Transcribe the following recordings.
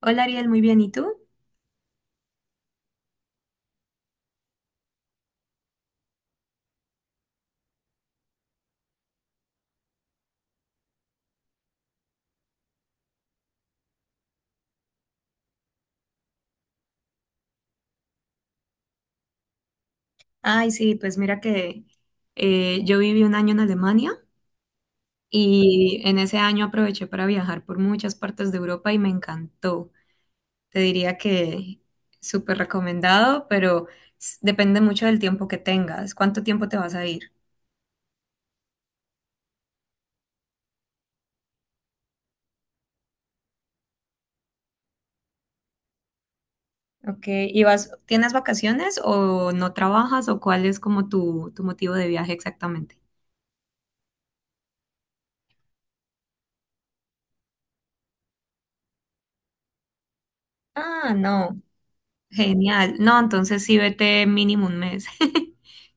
Hola Ariel, muy bien. ¿Y tú? Ay, sí, pues mira que yo viví un año en Alemania y en ese año aproveché para viajar por muchas partes de Europa y me encantó. Te diría que súper recomendado, pero depende mucho del tiempo que tengas. ¿Cuánto tiempo te vas a ir? Ok, ¿y vas, tienes vacaciones o no trabajas o cuál es como tu, motivo de viaje exactamente? Ah, no. Genial. No, entonces sí vete mínimo un mes.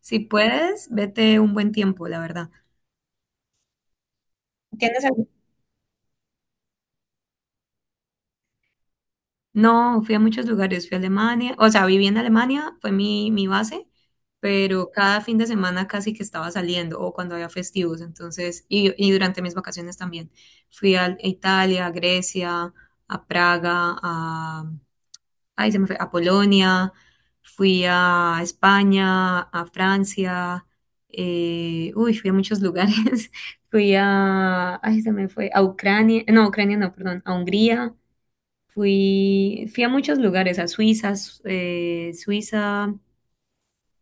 Si puedes, vete un buen tiempo, la verdad. ¿Tienes algún- No, fui a muchos lugares, fui a Alemania, o sea, viví en Alemania, fue mi base, pero cada fin de semana casi que estaba saliendo, o cuando había festivos, entonces, y durante mis vacaciones también. Fui a Italia, a Grecia, a Praga, a ahí se me fue, a Polonia, fui a España, a Francia, uy, fui a muchos lugares, fui a, ay, se me fue, a Ucrania no, perdón, a Hungría, fui a muchos lugares, a Suiza, Suiza,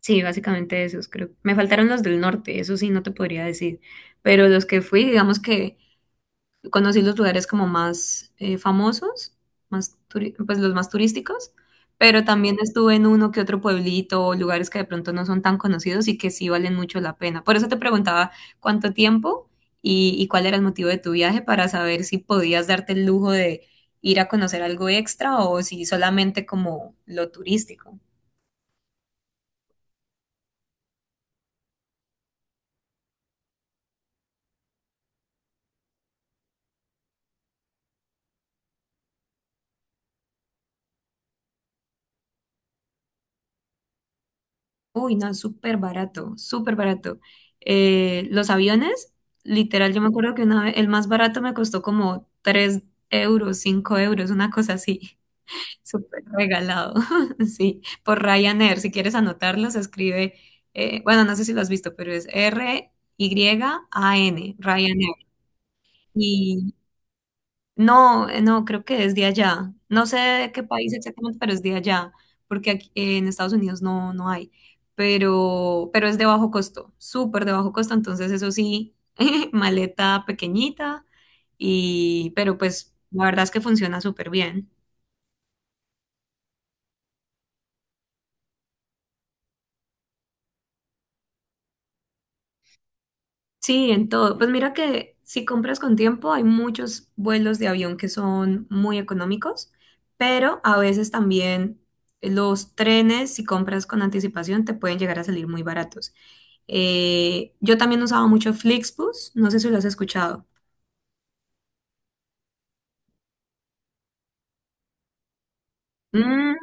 sí, básicamente esos, creo. Me faltaron los del norte, eso sí, no te podría decir, pero los que fui, digamos que conocí los lugares como más famosos, pues los más turísticos, pero también estuve en uno que otro pueblito o lugares que de pronto no son tan conocidos y que sí valen mucho la pena. Por eso te preguntaba cuánto tiempo y cuál era el motivo de tu viaje para saber si podías darte el lujo de ir a conocer algo extra o si solamente como lo turístico. Uy, no, súper barato, súper barato. Los aviones, literal, yo me acuerdo que una vez, el más barato me costó como 3 euros, 5 euros, una cosa así. Súper regalado, sí. Por Ryanair, si quieres anotarlo, se escribe, bueno, no sé si lo has visto, pero es Ryan, Ryanair. No, no, creo que es de allá. No sé de qué país exactamente, pero es de allá, porque aquí en Estados Unidos no, hay, pero es de bajo costo, súper de bajo costo, entonces eso sí, maleta pequeñita, pero pues la verdad es que funciona súper bien. Sí, en todo. Pues mira que si compras con tiempo, hay muchos vuelos de avión que son muy económicos, pero a veces también los trenes, si compras con anticipación, te pueden llegar a salir muy baratos. Yo también usaba mucho Flixbus, no sé si lo has escuchado. Mm.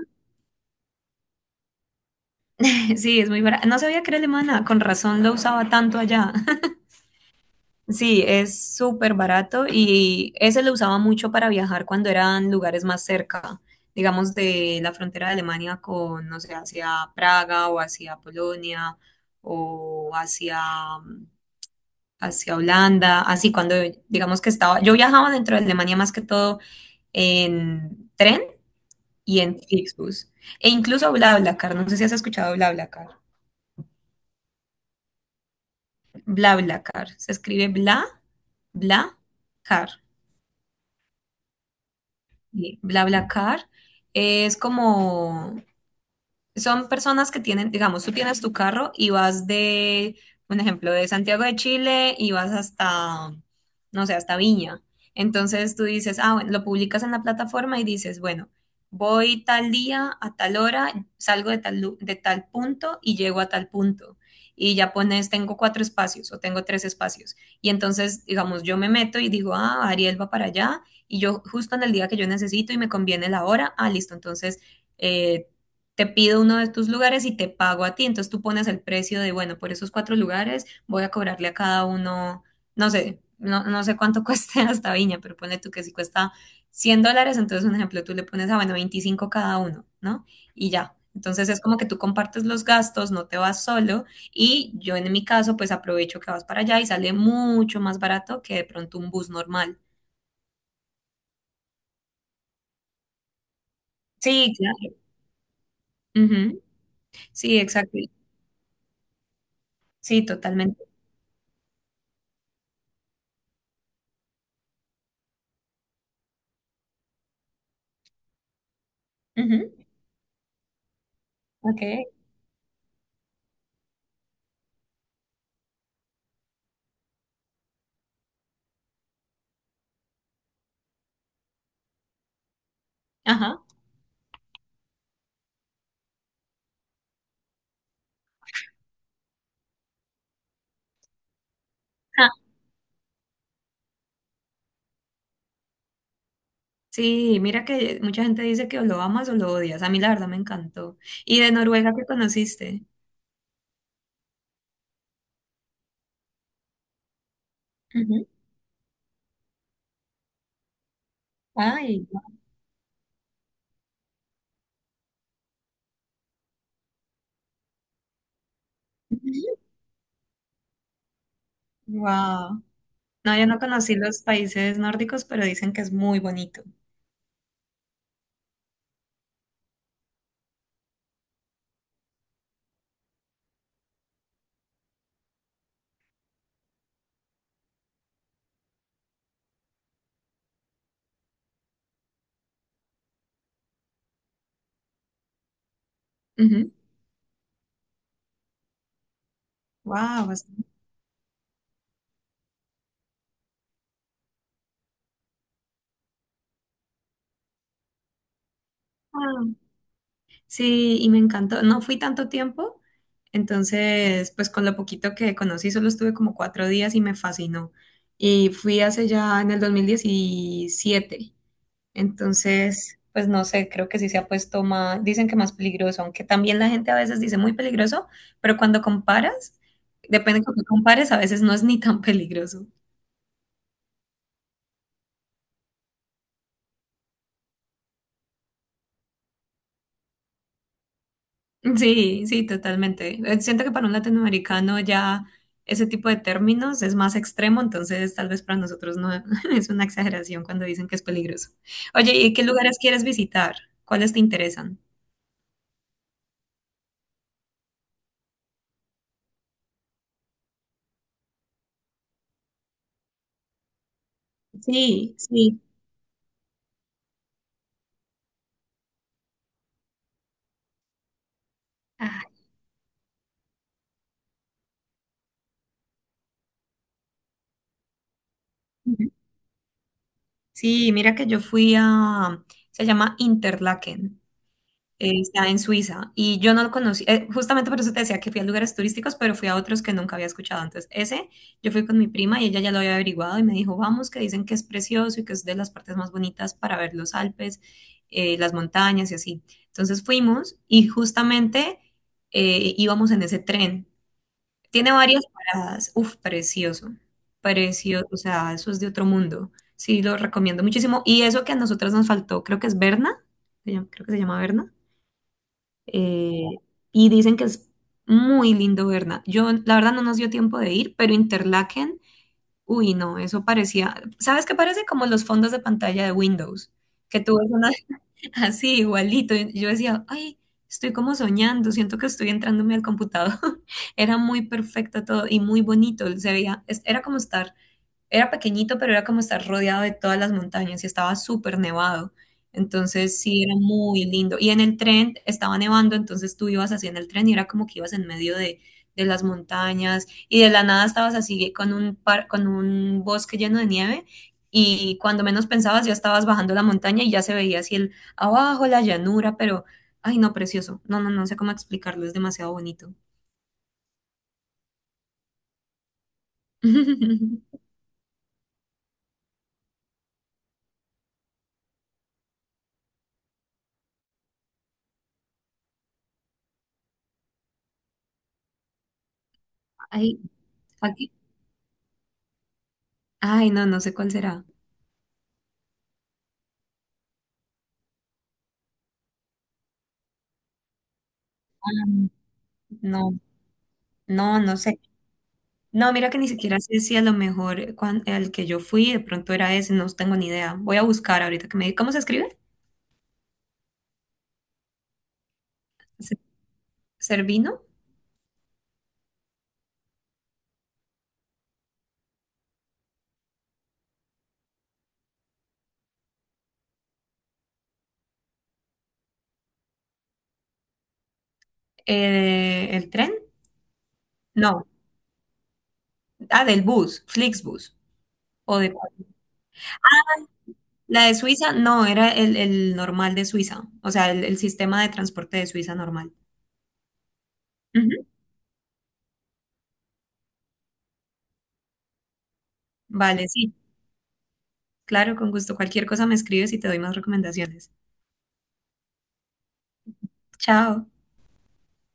Sí, es muy barato. No sabía que era alemana, con razón lo usaba tanto allá. Sí, es súper barato y ese lo usaba mucho para viajar cuando eran lugares más cerca, digamos de la frontera de Alemania con, no sé, hacia Praga o hacia Polonia o hacia Holanda, así cuando digamos que estaba, yo viajaba dentro de Alemania más que todo en tren y en Flixbus e incluso BlaBlaCar, no sé si has escuchado BlaBlaCar. BlaBlaCar, se escribe Bla, Bla, sí, BlaBlaCar es como, son personas que tienen, digamos, tú tienes tu carro y vas de, un ejemplo, de Santiago de Chile y vas hasta, no sé, hasta Viña. Entonces tú dices, ah, bueno, lo publicas en la plataforma y dices, bueno, voy tal día a tal hora, salgo de tal, de tal punto y llego a tal punto. Y ya pones, tengo cuatro espacios o tengo tres espacios. Y entonces, digamos, yo me meto y digo, ah, Ariel va para allá y yo justo en el día que yo necesito y me conviene la hora, ah, listo, entonces eh, te pido uno de tus lugares y te pago a ti. Entonces tú pones el precio de, bueno, por esos cuatro lugares voy a cobrarle a cada uno, no sé cuánto cueste hasta Viña, pero pone tú que si cuesta $100, entonces un ejemplo, tú le pones a, bueno, 25 cada uno, ¿no? Y ya. Entonces es como que tú compartes los gastos, no te vas solo y yo en mi caso pues aprovecho que vas para allá y sale mucho más barato que de pronto un bus normal. Sí, claro. Ujú. Sí, exacto. Sí, totalmente. Ujú. Ok. Ajá. Sí, mira que mucha gente dice que o lo amas o lo odias. A mí la verdad me encantó. ¿Y de Noruega qué conociste? Ujú. Ay. Wow. No, yo no conocí los países nórdicos, pero dicen que es muy bonito. Ujú. Wow. Ah, sí, y me encantó. No fui tanto tiempo, entonces, pues con lo poquito que conocí, solo estuve como 4 días y me fascinó. Y fui hace ya en el 2017. Entonces, pues no sé, creo que sí se ha puesto más, dicen que más peligroso, aunque también la gente a veces dice muy peligroso, pero cuando comparas, depende de cómo compares, a veces no es ni tan peligroso. Sí, sí, totalmente. Siento que para un latinoamericano ya ese tipo de términos es más extremo, entonces tal vez para nosotros no es una exageración cuando dicen que es peligroso. Oye, ¿y qué lugares quieres visitar? ¿Cuáles te interesan? Sí, sí. Ah. Sí, mira que yo fui a, se llama Interlaken, está en Suiza y yo no lo conocí, justamente por eso te decía que fui a lugares turísticos, pero fui a otros que nunca había escuchado antes. Ese, yo fui con mi prima y ella ya lo había averiguado y me dijo, vamos, que dicen que es precioso y que es de las partes más bonitas para ver los Alpes, las montañas y así. Entonces fuimos y justamente íbamos en ese tren. Tiene varias paradas. Uf, precioso. Precioso. O sea, eso es de otro mundo. Sí, lo recomiendo muchísimo. Y eso que a nosotras nos faltó, creo que es Berna. Creo que se llama Berna. eh, y dicen que es muy lindo Berna. Yo, la verdad, no nos dio tiempo de ir, pero Interlaken, uy, no, eso parecía. ¿Sabes qué parece? Como los fondos de pantalla de Windows. Que tú ves una, así, igualito. Yo decía, ay, estoy como soñando, siento que estoy entrándome al computador. Era muy perfecto todo y muy bonito. Se veía, era como estar era pequeñito, pero era como estar rodeado de todas las montañas y estaba súper nevado. Entonces sí, era muy lindo. Y en el tren estaba nevando, entonces tú ibas así en el tren y era como que ibas en medio de las montañas y de la nada estabas así con con un bosque lleno de nieve y cuando menos pensabas ya estabas bajando la montaña y ya se veía así el abajo, la llanura, pero, ay no, precioso. No, no, no sé cómo explicarlo, es demasiado bonito. Ay, aquí. Ay, no, no sé cuál será. Ah, no, no sé. No, mira que ni siquiera sé si a lo mejor el que yo fui de pronto era ese, no tengo ni idea. Voy a buscar ahorita que me diga. ¿Cómo se escribe? Se- ¿Servino? ¿El tren? No. Ah, del bus, Flixbus. O de, la de Suiza, no, era el, normal de Suiza, o sea, el sistema de transporte de Suiza normal. Ujú. Vale, sí, claro, con gusto. Cualquier cosa me escribes y te doy más recomendaciones. Chao.